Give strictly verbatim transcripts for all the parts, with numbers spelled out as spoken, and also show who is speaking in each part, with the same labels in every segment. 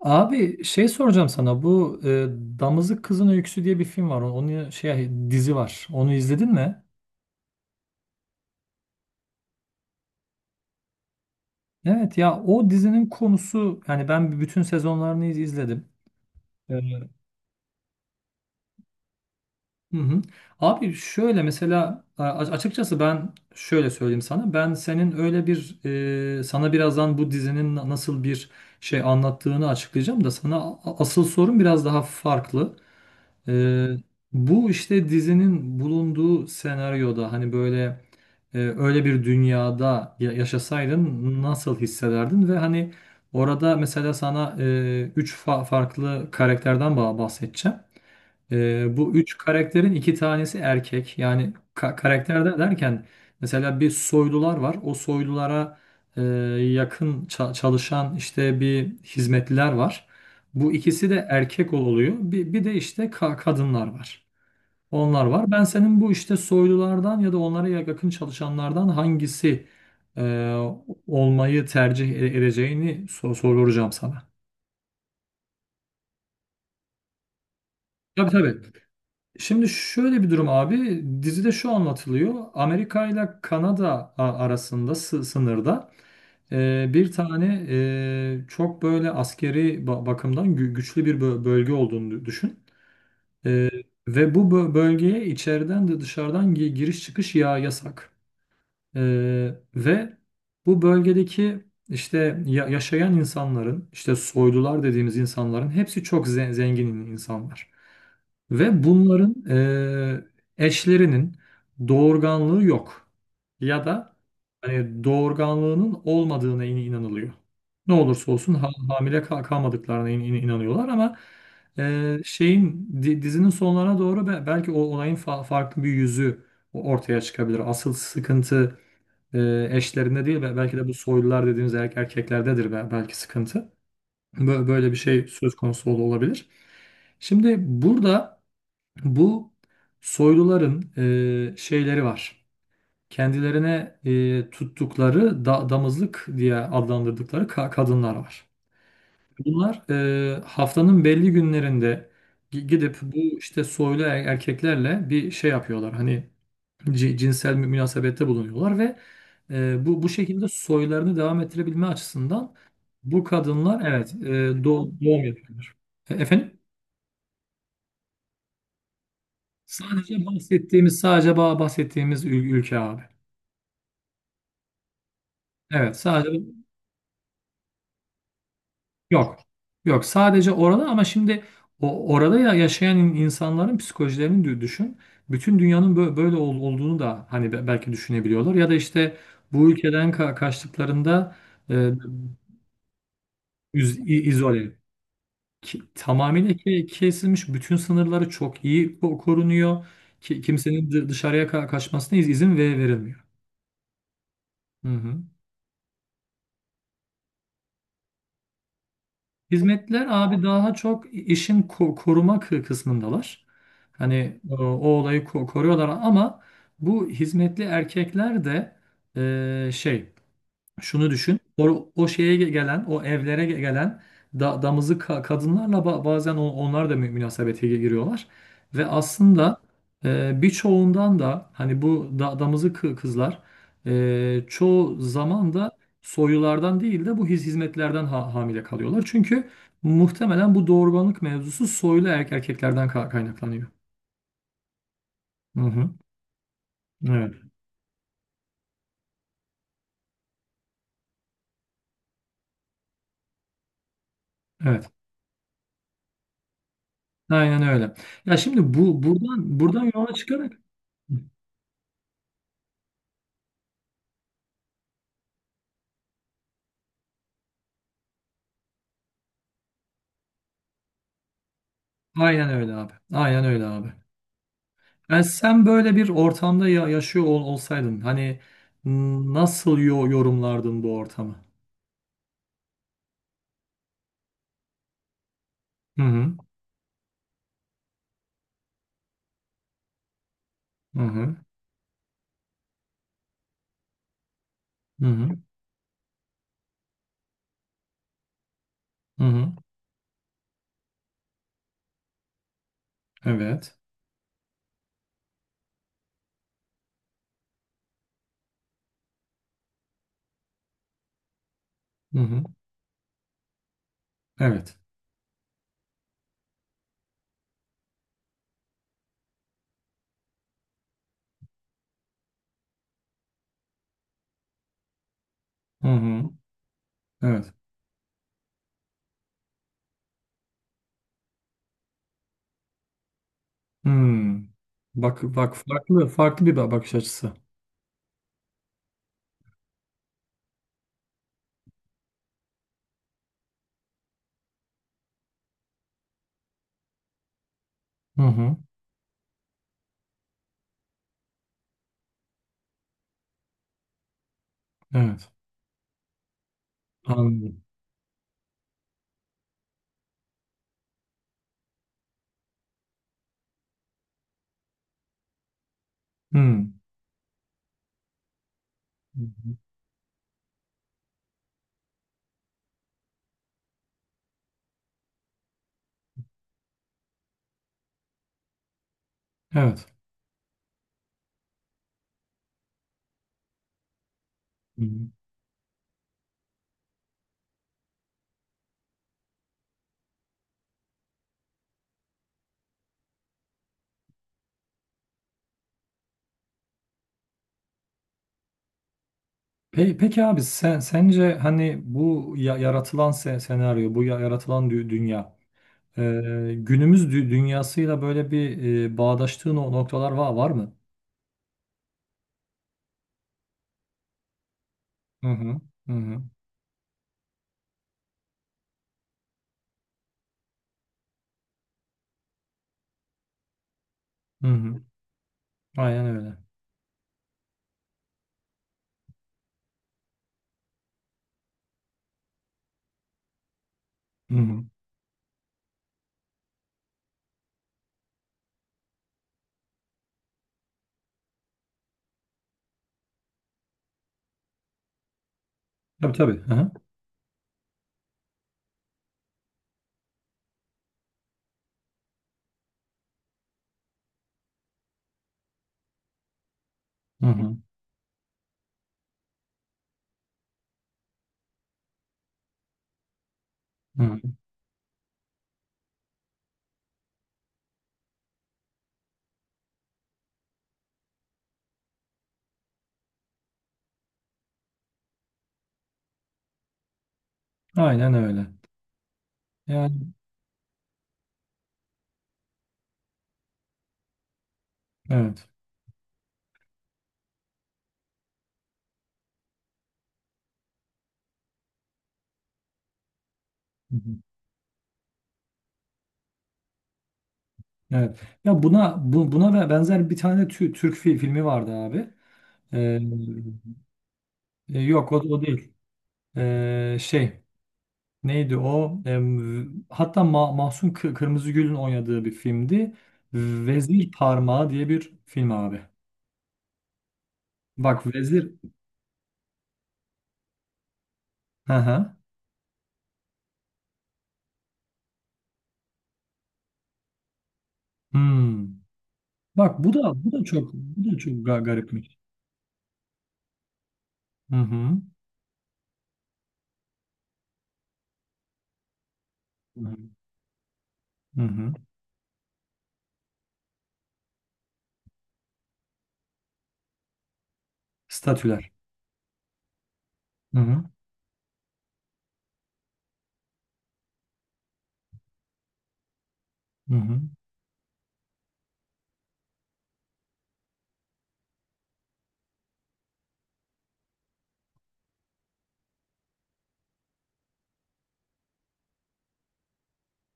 Speaker 1: Abi şey soracağım sana bu e, Damızlık Kızın Öyküsü diye bir film var. Onun şey dizi var. Onu izledin mi? Evet ya o dizinin konusu, yani ben bütün sezonlarını iz- izledim. Ee, Hı hı. Abi şöyle mesela a- açıkçası ben şöyle söyleyeyim sana. Ben senin öyle bir e, sana birazdan bu dizinin na- nasıl bir şey anlattığını açıklayacağım da sana a- asıl sorun biraz daha farklı. Ee, bu işte dizinin bulunduğu senaryoda, hani böyle Ee, öyle bir dünyada ya- yaşasaydın nasıl hissederdin? Ve hani orada mesela sana e, üç fa- farklı karakterden ba- bahsedeceğim. Ee, bu üç karakterin iki tanesi erkek. Yani ka karakter de derken mesela bir soylular var. O soylulara e, yakın ça- çalışan işte bir hizmetliler var. Bu ikisi de erkek oluyor. Bir, bir de işte ka- kadınlar var. Onlar var. Ben senin bu işte soylulardan ya da onlara yakın çalışanlardan hangisi e, olmayı tercih e- edeceğini sor- soracağım sana. Tabii tabii. Şimdi şöyle bir durum abi. Dizide şu anlatılıyor. Amerika ile Kanada a- arasında, sı- sınırda, e, bir tane e, çok böyle askeri ba- bakımdan gü- güçlü bir bö- bölge olduğunu düşün. E, ve bu bö- bölgeye içeriden de dışarıdan gi- giriş çıkış ya yasak. Ee, ve bu bölgedeki işte ya- yaşayan insanların, işte soylular dediğimiz insanların hepsi çok ze- zengin insanlar. Ve bunların e, eşlerinin doğurganlığı yok. Ya da hani doğurganlığının olmadığına in- inanılıyor. Ne olursa olsun ha- hamile kal- kalmadıklarına in- in- inanıyorlar ama e, şeyin, di- dizinin sonlarına doğru be- belki o olayın fa- farklı bir yüzü ortaya çıkabilir. Asıl sıkıntı e, eşlerinde değil, ve belki de bu soylular dediğimiz er- erkeklerdedir be- belki sıkıntı. Bö- Böyle bir şey söz konusu ol- olabilir. Şimdi burada bu soyluların e, şeyleri var. Kendilerine e, tuttukları da- damızlık diye adlandırdıkları ka- kadınlar var. Bunlar e, haftanın belli günlerinde gi- gidip bu işte soylu er- erkeklerle bir şey yapıyorlar. Hani ci- cinsel mü- münasebette bulunuyorlar ve e, bu bu şekilde soylarını devam ettirebilme açısından bu kadınlar, evet, e, doğ- doğum yapıyorlar. E, efendim? Sadece bahsettiğimiz sadece ba- bahsettiğimiz ül- ülke abi. Evet, sadece yok. Yok, sadece orada. Ama şimdi o orada ya yaşayan in- insanların psikolojilerini dü- düşün. Bütün dünyanın bö- böyle ol- olduğunu da hani be- belki düşünebiliyorlar, ya da işte bu ülkeden ka- kaçtıklarında e, iz- i- izole Ki, tamamıyla ke- kesilmiş, bütün sınırları çok iyi ko- korunuyor. Ki, kimsenin dı- dışarıya ka- kaçmasına iz- izin ve verilmiyor. Hı hı. Hizmetler abi daha çok işin ko- koruma kı- kısmındalar. Hani o, o olayı ko- koruyorlar, ama bu hizmetli erkekler de e, şey Şunu düşün. O, o şeye gelen, o evlere gelen da, damızı ka- kadınlarla ba- bazen on- onlar da mü- münasebete gi- giriyorlar. Ve aslında e, birçoğundan da hani bu da, damızı kı- kızlar e, çoğu zaman da soylulardan değil de bu hiz- hizmetlerden ha- hamile kalıyorlar. Çünkü muhtemelen bu doğurganlık mevzusu soylu er- erkeklerden ka- kaynaklanıyor. Hı hı. Evet. Evet. Aynen öyle. Ya şimdi bu buradan buradan yola çıkarak Aynen öyle abi. Aynen öyle abi. Yani sen böyle bir ortamda ya- yaşıyor ol- olsaydın, hani n- nasıl yo- yorumlardın bu ortamı? Hı hı. Hı hı. Hı hı. Hı hı. Evet. Hı hı. Evet. Hı hı. Evet. Hmm. Bak bak, farklı farklı bir ba- bakış açısı. Hı hı. Evet. Anladım. Hı. Hı hı. Evet. Hı hı. Pe- Peki abi, sen sence hani bu ya- yaratılan se- senaryo, bu ya- yaratılan dü- dünya Ee, günümüz dü- dünyasıyla böyle bir e, bağdaştığı no- noktalar var, var mı? Hı hı. Hı hı. Hı hı. Aynen öyle. Hı hı. Tabii tabii. Hı hı. Hı hı. Hı hı. Aynen öyle. Yani evet. Hı hı. Evet. Ya buna bu, buna ve- benzer bir tane tü- Türk fi- filmi vardı abi. Ee, e, yok, o, o değil. Ee, şey neydi o? Em, hatta Ma- Mahsun Kı- Kırmızıgül'ün oynadığı bir filmdi. Vezir Parmağı diye bir film abi. Bak, vezir. Hı hı. Hmm. Bak, bu da bu da çok bu da çok ga- garipmiş. Hı hı. Hı hı. Hı hı. Statüler. Hı hı. Hı hı.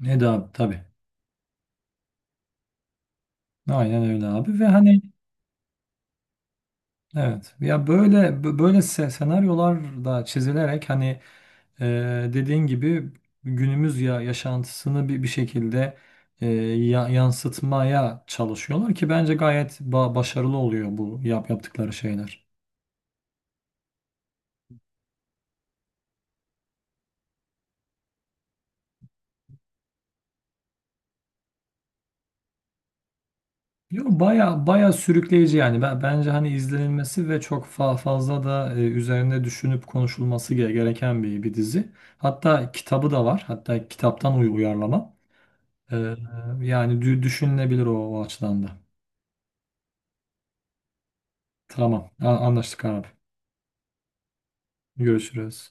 Speaker 1: Ne de abi, tabii. Aynen öyle abi. Ve hani evet, ya böyle bö- böyle se- senaryolar da çizilerek hani e, dediğin gibi günümüz ya yaşantısını bir bir şekilde e, ya- yansıtmaya çalışıyorlar ki bence gayet ba- başarılı oluyor bu yap yaptıkları şeyler. Yo, baya baya sürükleyici yani. Ben, bence hani izlenilmesi ve çok fa- fazla da e, üzerine düşünüp konuşulması ge- gereken bir, bir dizi. Hatta kitabı da var. Hatta kitaptan uy- uyarlama. Ee, yani dü- düşünülebilir o, o açıdan da. Tamam. A- anlaştık abi. Görüşürüz.